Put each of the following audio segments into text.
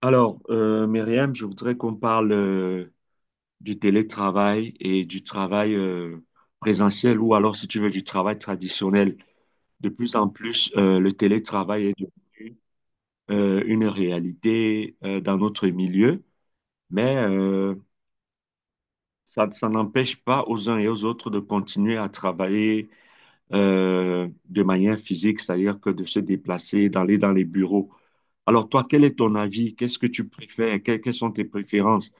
Alors, Myriam, je voudrais qu'on parle du télétravail et du travail présentiel ou alors, si tu veux, du travail traditionnel. De plus en plus, le télétravail est devenu une réalité dans notre milieu, mais ça n'empêche pas aux uns et aux autres de continuer à travailler de manière physique, c'est-à-dire que de se déplacer, d'aller dans les bureaux. Alors, toi, quel est ton avis? Qu'est-ce que tu préfères? Quelles sont tes préférences?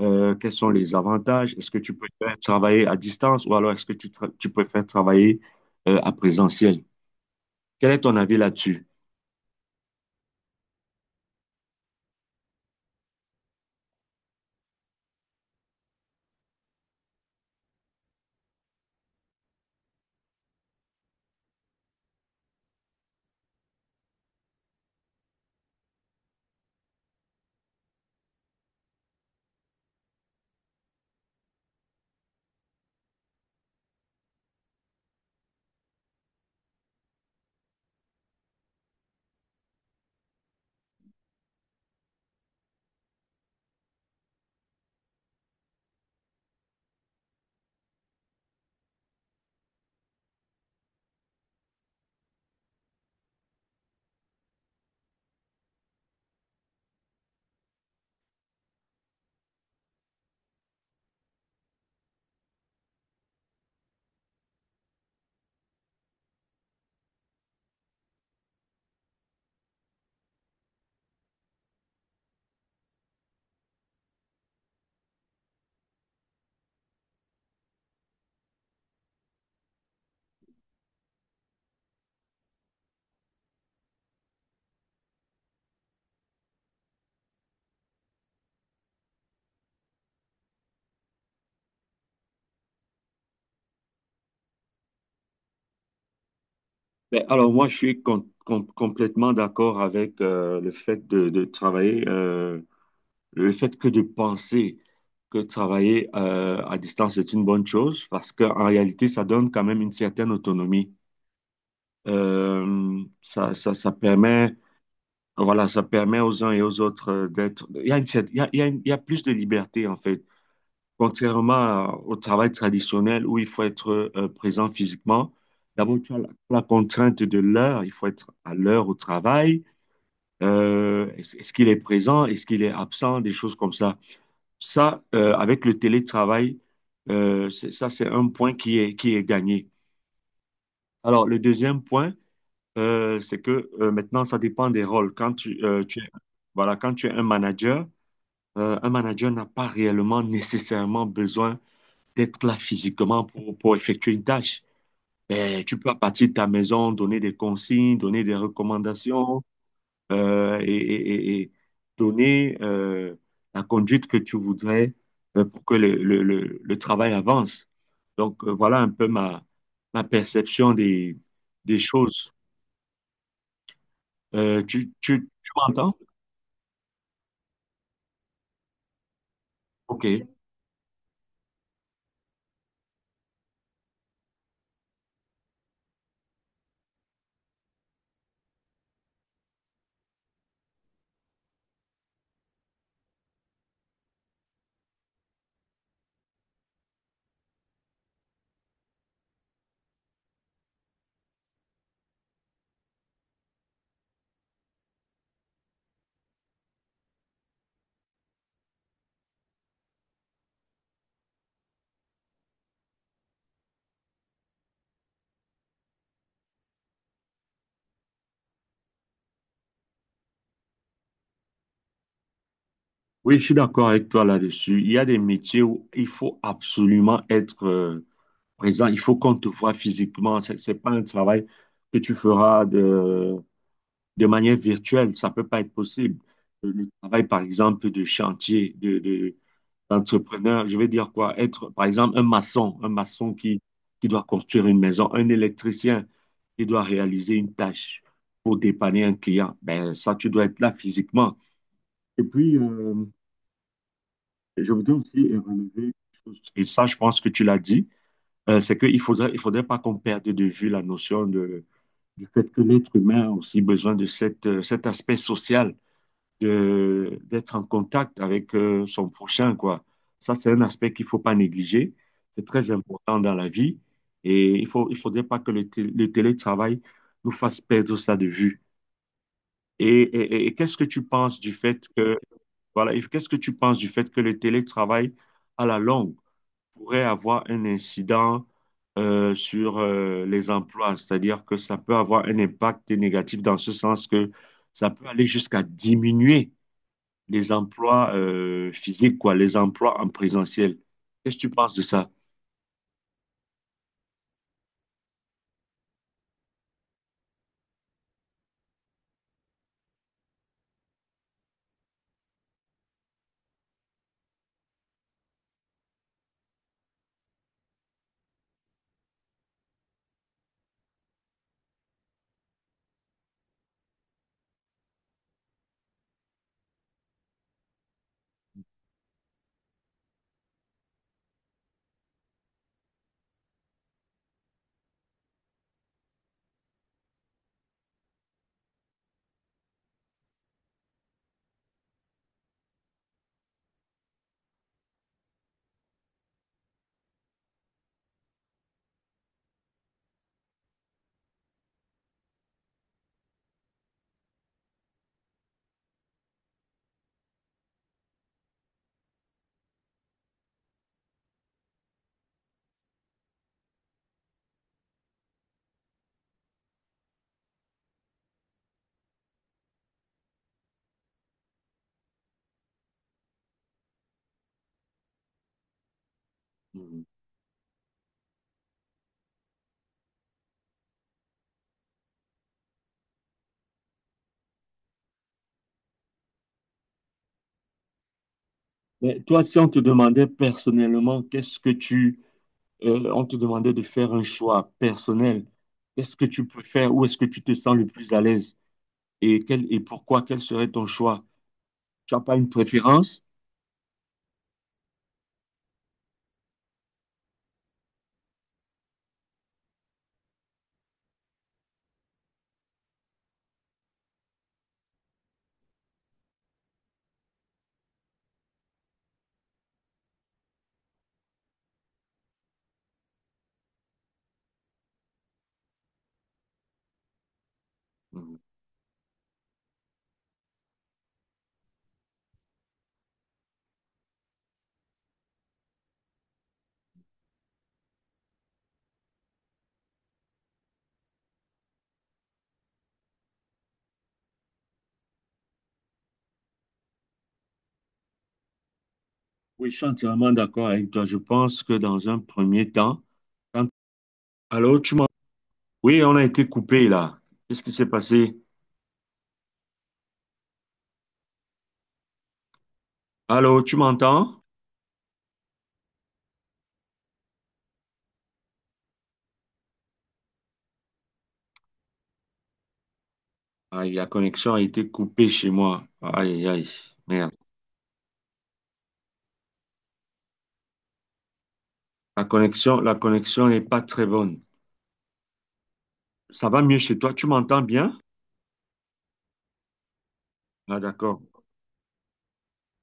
Quels sont les avantages? Est-ce que tu peux faire travailler à distance ou alors est-ce que tu peux faire travailler à présentiel? Quel est ton avis là-dessus? Ben, alors moi, je suis complètement d'accord avec le fait de travailler, le fait que de penser que travailler à distance est une bonne chose parce qu'en réalité, ça donne quand même une certaine autonomie. Ça permet, voilà, ça permet aux uns et aux autres d'être... Il y a une cer- il y a une- Il y a plus de liberté en fait. Contrairement au travail traditionnel où il faut être présent physiquement, d'abord tu as la contrainte de l'heure, il faut être à l'heure au travail. Est-ce qu'il est présent, est-ce qu'il est absent, des choses comme ça. Ça, avec le télétravail, ça c'est un point qui est gagné. Alors le deuxième point, c'est que maintenant ça dépend des rôles. Quand voilà, quand tu es un manager n'a pas réellement nécessairement besoin d'être là physiquement pour effectuer une tâche. Et tu peux à partir de ta maison donner des consignes, donner des recommandations et donner la conduite que tu voudrais pour que le travail avance. Donc voilà un peu ma perception des choses. Tu m'entends? OK. Oui, je suis d'accord avec toi là-dessus. Il y a des métiers où il faut absolument être... présent, il faut qu'on te voit physiquement. C'est n'est pas un travail que tu feras de manière virtuelle. Ça peut pas être possible. Le travail, par exemple, de chantier, d'entrepreneur, je vais dire quoi? Être, par exemple, un maçon qui doit construire une maison, un électricien qui doit réaliser une tâche pour dépanner un client. Ben, ça, tu dois être là physiquement. Et puis, je voudrais aussi relever quelque chose. Et ça, je pense que tu l'as dit, c'est il faudrait pas qu'on perde de vue la notion du fait que l'être humain a aussi besoin de cette, cet aspect social, d'être en contact avec son prochain, quoi. Ça, c'est un aspect qu'il faut pas négliger. C'est très important dans la vie et il faudrait pas que le télétravail nous fasse perdre ça de vue. Et qu'est-ce que tu penses du fait voilà, et qu'est-ce que tu penses du fait que le télétravail, à la longue, pourrait avoir un incident sur les emplois, c'est-à-dire que ça peut avoir un impact négatif dans ce sens que ça peut aller jusqu'à diminuer les emplois physiques, quoi, les emplois en présentiel. Qu'est-ce que tu penses de ça? Mhm. Mais toi, si on te demandait personnellement, on te demandait de faire un choix personnel, qu'est-ce que tu peux faire, où est-ce que tu te sens le plus à l'aise? Et, quel serait ton choix? Tu n'as pas une préférence? Mhm. Oui, je suis entièrement d'accord avec toi. Je pense que dans un premier temps, quand... Allô, tu m'entends? Oui, on a été coupé là. Qu'est-ce qui s'est passé? Allô, tu m'entends? Aïe, la connexion a été coupée chez moi. Aïe, aïe, merde. La connexion n'est pas très bonne. Ça va mieux chez toi? Tu m'entends bien? Ah, d'accord.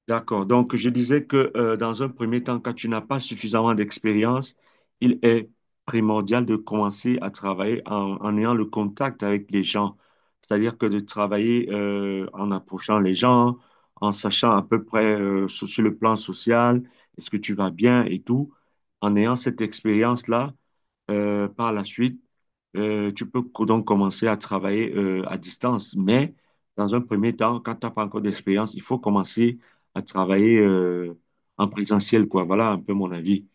D'accord. Donc, je disais que dans un premier temps, quand tu n'as pas suffisamment d'expérience, il est primordial de commencer à travailler en ayant le contact avec les gens. C'est-à-dire que de travailler en approchant les gens, en sachant à peu près sur le plan social, est-ce que tu vas bien et tout. En ayant cette expérience-là, par la suite, donc commencer à travailler à distance. Mais dans un premier temps, quand tu n'as pas encore d'expérience, il faut commencer à travailler en présentiel, quoi. Voilà un peu mon avis.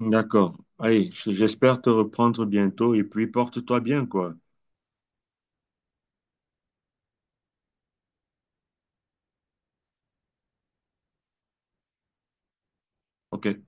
D'accord. Allez, j'espère te reprendre bientôt et puis porte-toi bien, quoi. OK.